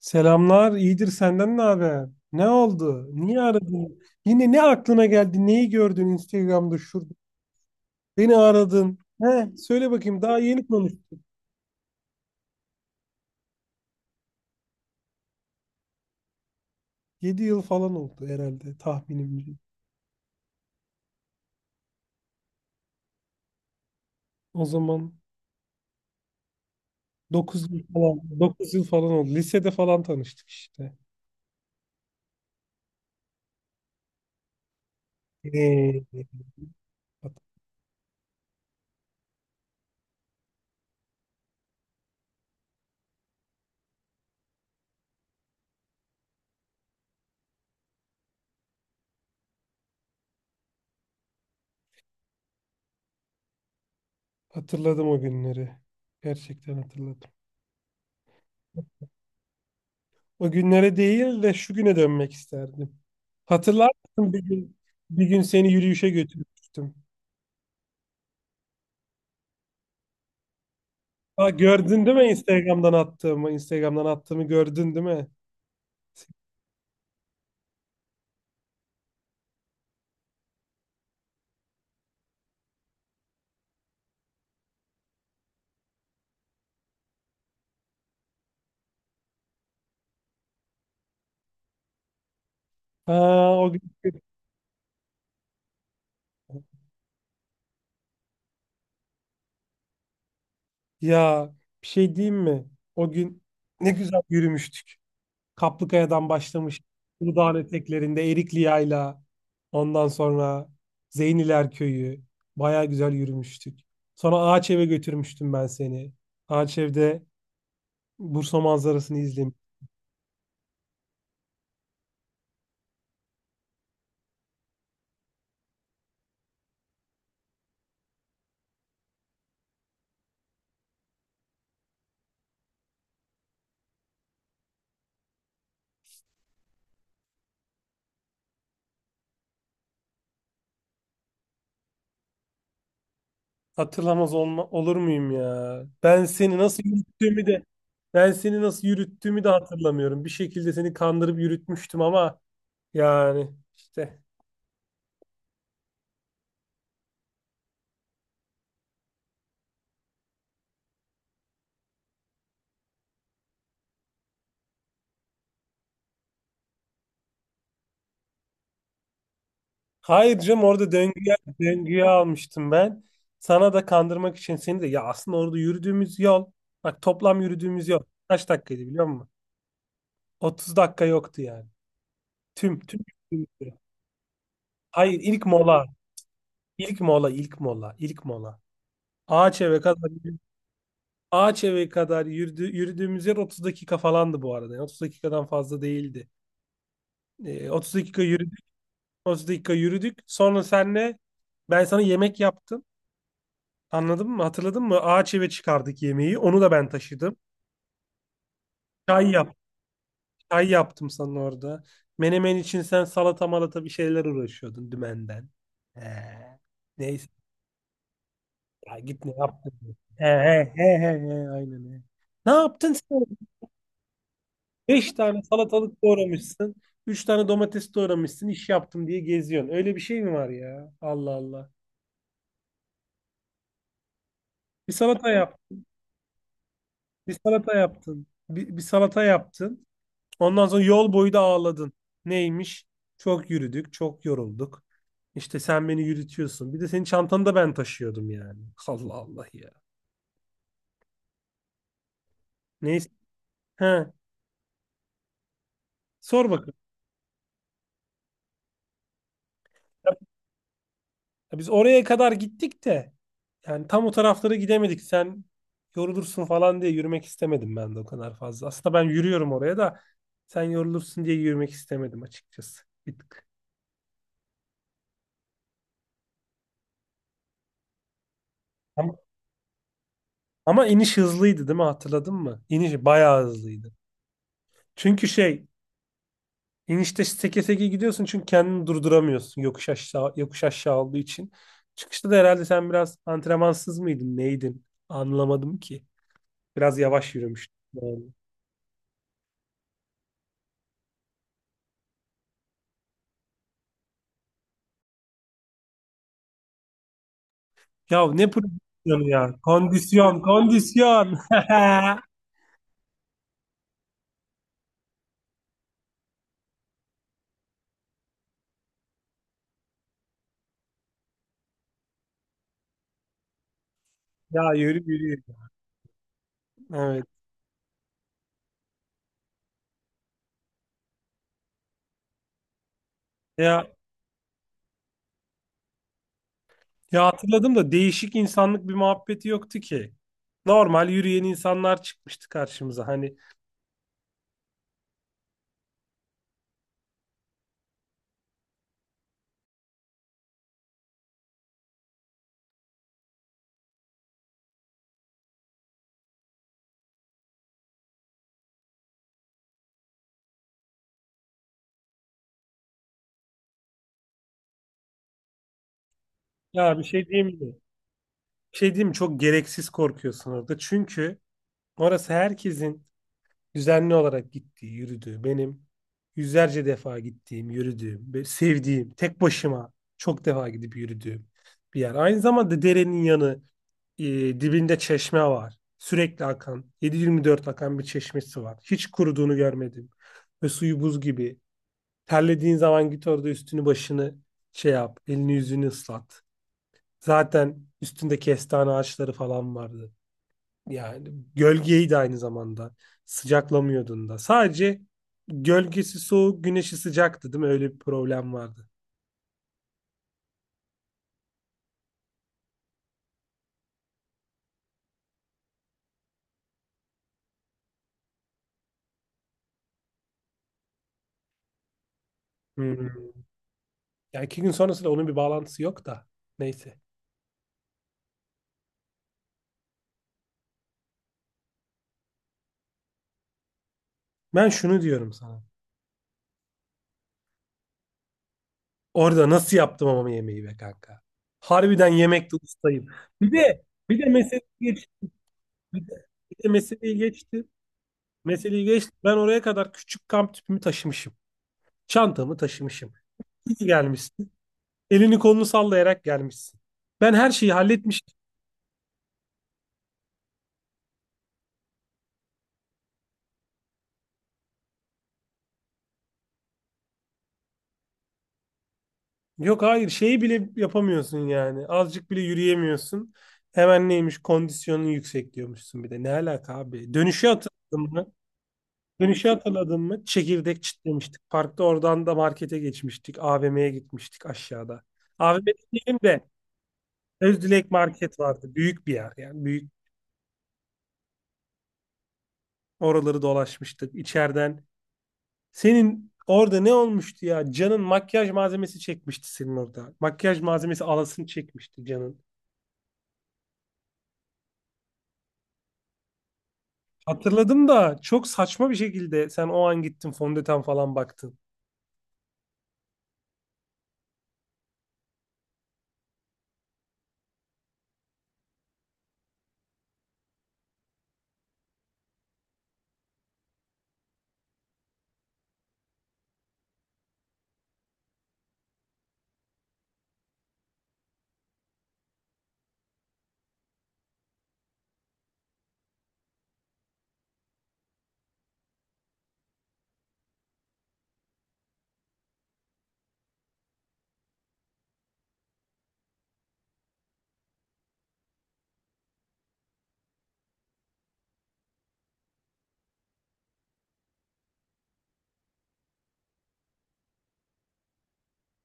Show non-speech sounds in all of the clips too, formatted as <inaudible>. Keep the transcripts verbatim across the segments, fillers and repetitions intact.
Selamlar, iyidir senden ne haber? Ne oldu? Niye aradın? Yine ne aklına geldi? Neyi gördün Instagram'da şurada? Beni aradın. He, söyle bakayım daha yeni konuştuk. Yedi yıl falan oldu herhalde tahminimce. O zaman dokuz yıl falan, dokuz yıl falan oldu. Lisede falan tanıştık işte. Ee, hat- hatırladım o günleri. Gerçekten hatırladım. O günlere değil de şu güne dönmek isterdim. Hatırlar mısın bir gün, bir gün seni yürüyüşe götürmüştüm. Ha, gördün değil mi Instagram'dan attığımı? Instagram'dan attığımı gördün değil mi? Ha, o gün ya bir şey diyeyim mi? O gün ne güzel yürümüştük. Kaplıkaya'dan başlamış. Uludağ'ın eteklerinde Erikli Yayla. Ondan sonra Zeyniler Köyü. Baya güzel yürümüştük. Sonra Ağaçev'e götürmüştüm ben seni. Ağaçev'de Bursa manzarasını izlemiştik. Hatırlamaz olma, olur muyum ya? Ben seni nasıl yürüttüğümü de ben seni nasıl yürüttüğümü de hatırlamıyorum. Bir şekilde seni kandırıp yürütmüştüm ama yani işte. Hayır canım orada döngüye, döngüye almıştım ben. Sana da kandırmak için seni de ya aslında orada yürüdüğümüz yol, bak toplam yürüdüğümüz yol kaç dakikaydı biliyor musun? otuz dakika yoktu yani. Tüm tüm. yürüdüğümüz yol. Hayır ilk mola. İlk mola, ilk mola, ilk mola. Ağaç eve kadar Ağaç eve kadar yürüdü, yürüdüğümüz yer otuz dakika falandı bu arada. Yani otuz dakikadan fazla değildi. Ee, otuz dakika yürüdük, otuz dakika yürüdük. Sonra senle ben sana yemek yaptım. Anladın mı? Hatırladın mı? Ağaç eve çıkardık yemeği. Onu da ben taşıdım. Çay yap, çay yaptım sana orada. Menemen için sen salata malata bir şeyler uğraşıyordun dümenden. He. Neyse, ya git ne yaptın? He he he he he aynen he. Ne yaptın sen? Beş tane salatalık doğramışsın. Üç tane domates doğramışsın. İş yaptım diye geziyorsun. Öyle bir şey mi var ya? Allah Allah. Bir salata yap. Bir salata yaptın. Bir, bir salata yaptın. Ondan sonra yol boyu da ağladın. Neymiş? Çok yürüdük, çok yorulduk. İşte sen beni yürütüyorsun. Bir de senin çantanı da ben taşıyordum yani. <laughs> Allah Allah ya. Neyse. He. Sor bakalım. Ya, biz oraya kadar gittik de yani tam o taraflara gidemedik. Sen yorulursun falan diye yürümek istemedim ben de o kadar fazla. Aslında ben yürüyorum oraya da sen yorulursun diye yürümek istemedim açıkçası. Bir tık. Ama, ama iniş hızlıydı değil mi? Hatırladın mı? İniş bayağı hızlıydı. Çünkü şey inişte seke seke gidiyorsun, çünkü kendini durduramıyorsun yokuş aşağı yokuş aşağı olduğu için. Çıkışta da herhalde sen biraz antrenmansız mıydın, neydin? Anlamadım ki. Biraz yavaş yürümüştün. Ya ne pozisyonu ya? Kondisyon, kondisyon. <laughs> Ya yürü yürü. Evet. Ya, ya hatırladım da değişik insanlık bir muhabbeti yoktu ki. Normal yürüyen insanlar çıkmıştı karşımıza. Hani ya bir şey diyeyim mi? Bir şey diyeyim mi? Çok gereksiz korkuyorsun orada. Çünkü orası herkesin düzenli olarak gittiği, yürüdüğü, benim yüzlerce defa gittiğim, yürüdüğüm ve sevdiğim, tek başıma çok defa gidip yürüdüğüm bir yer. Aynı zamanda derenin yanı, e, dibinde çeşme var. Sürekli akan, yedi yirmi dört akan bir çeşmesi var. Hiç kuruduğunu görmedim. Ve suyu buz gibi. Terlediğin zaman git orada üstünü başını şey yap, elini yüzünü ıslat. Zaten üstünde kestane ağaçları falan vardı. Yani gölgeyi de aynı zamanda sıcaklamıyordun da. Sadece gölgesi soğuk, güneşi sıcaktı değil mi? Öyle bir problem vardı. Hmm. Yani iki gün sonrasında onun bir bağlantısı yok da. Neyse. Ben şunu diyorum sana. Orada nasıl yaptım ama yemeği be kanka. Harbiden yemekte ustayım. Bir de bir de meseleyi geç, bir de, bir de meseleyi geçti. Meseleyi geçti. Ben oraya kadar küçük kamp tüpümü taşımışım. Çantamı taşımışım. İyi ki gelmişsin. Elini kolunu sallayarak gelmişsin. Ben her şeyi halletmişim. Yok hayır, şeyi bile yapamıyorsun yani. Azıcık bile yürüyemiyorsun. Hemen neymiş kondisyonun yüksek diyormuşsun bir de. Ne alaka abi? Dönüşü hatırladın mı? Dönüşü hatırladın mı? Çekirdek çitlemiştik. Parkta, oradan da markete geçmiştik. A V M'ye gitmiştik aşağıda. A V M'de değilim de, Özdilek Market vardı. Büyük bir yer yani. Büyük oraları dolaşmıştık içeriden. Senin orada ne olmuştu ya? Can'ın makyaj malzemesi çekmişti senin orada. Makyaj malzemesi alasını çekmişti Can'ın. Hatırladım da çok saçma bir şekilde sen o an gittin fondöten falan baktın.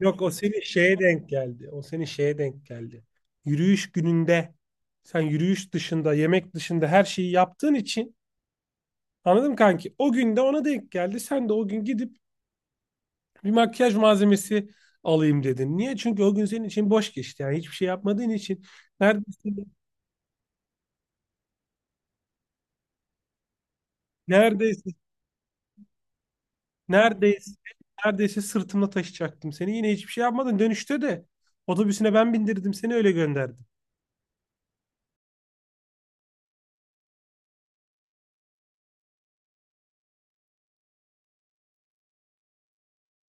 Yok, o seni şeye denk geldi. O seni şeye denk geldi. Yürüyüş gününde sen yürüyüş dışında, yemek dışında her şeyi yaptığın için anladım kanki. O gün de ona denk geldi. Sen de o gün gidip bir makyaj malzemesi alayım dedin. Niye? Çünkü o gün senin için boş geçti. Yani hiçbir şey yapmadığın için neredeyse, neredeyse Neredeyse neredeyse sırtımda taşıyacaktım seni. Yine hiçbir şey yapmadın. Dönüşte de otobüsüne ben bindirdim, seni öyle gönderdim.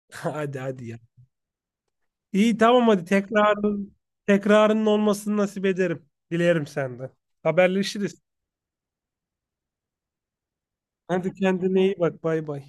<laughs> Hadi hadi ya. İyi tamam, hadi tekrarın tekrarının olmasını nasip ederim. Dilerim senden. Haberleşiriz. Hadi kendine iyi bak. Bay bay.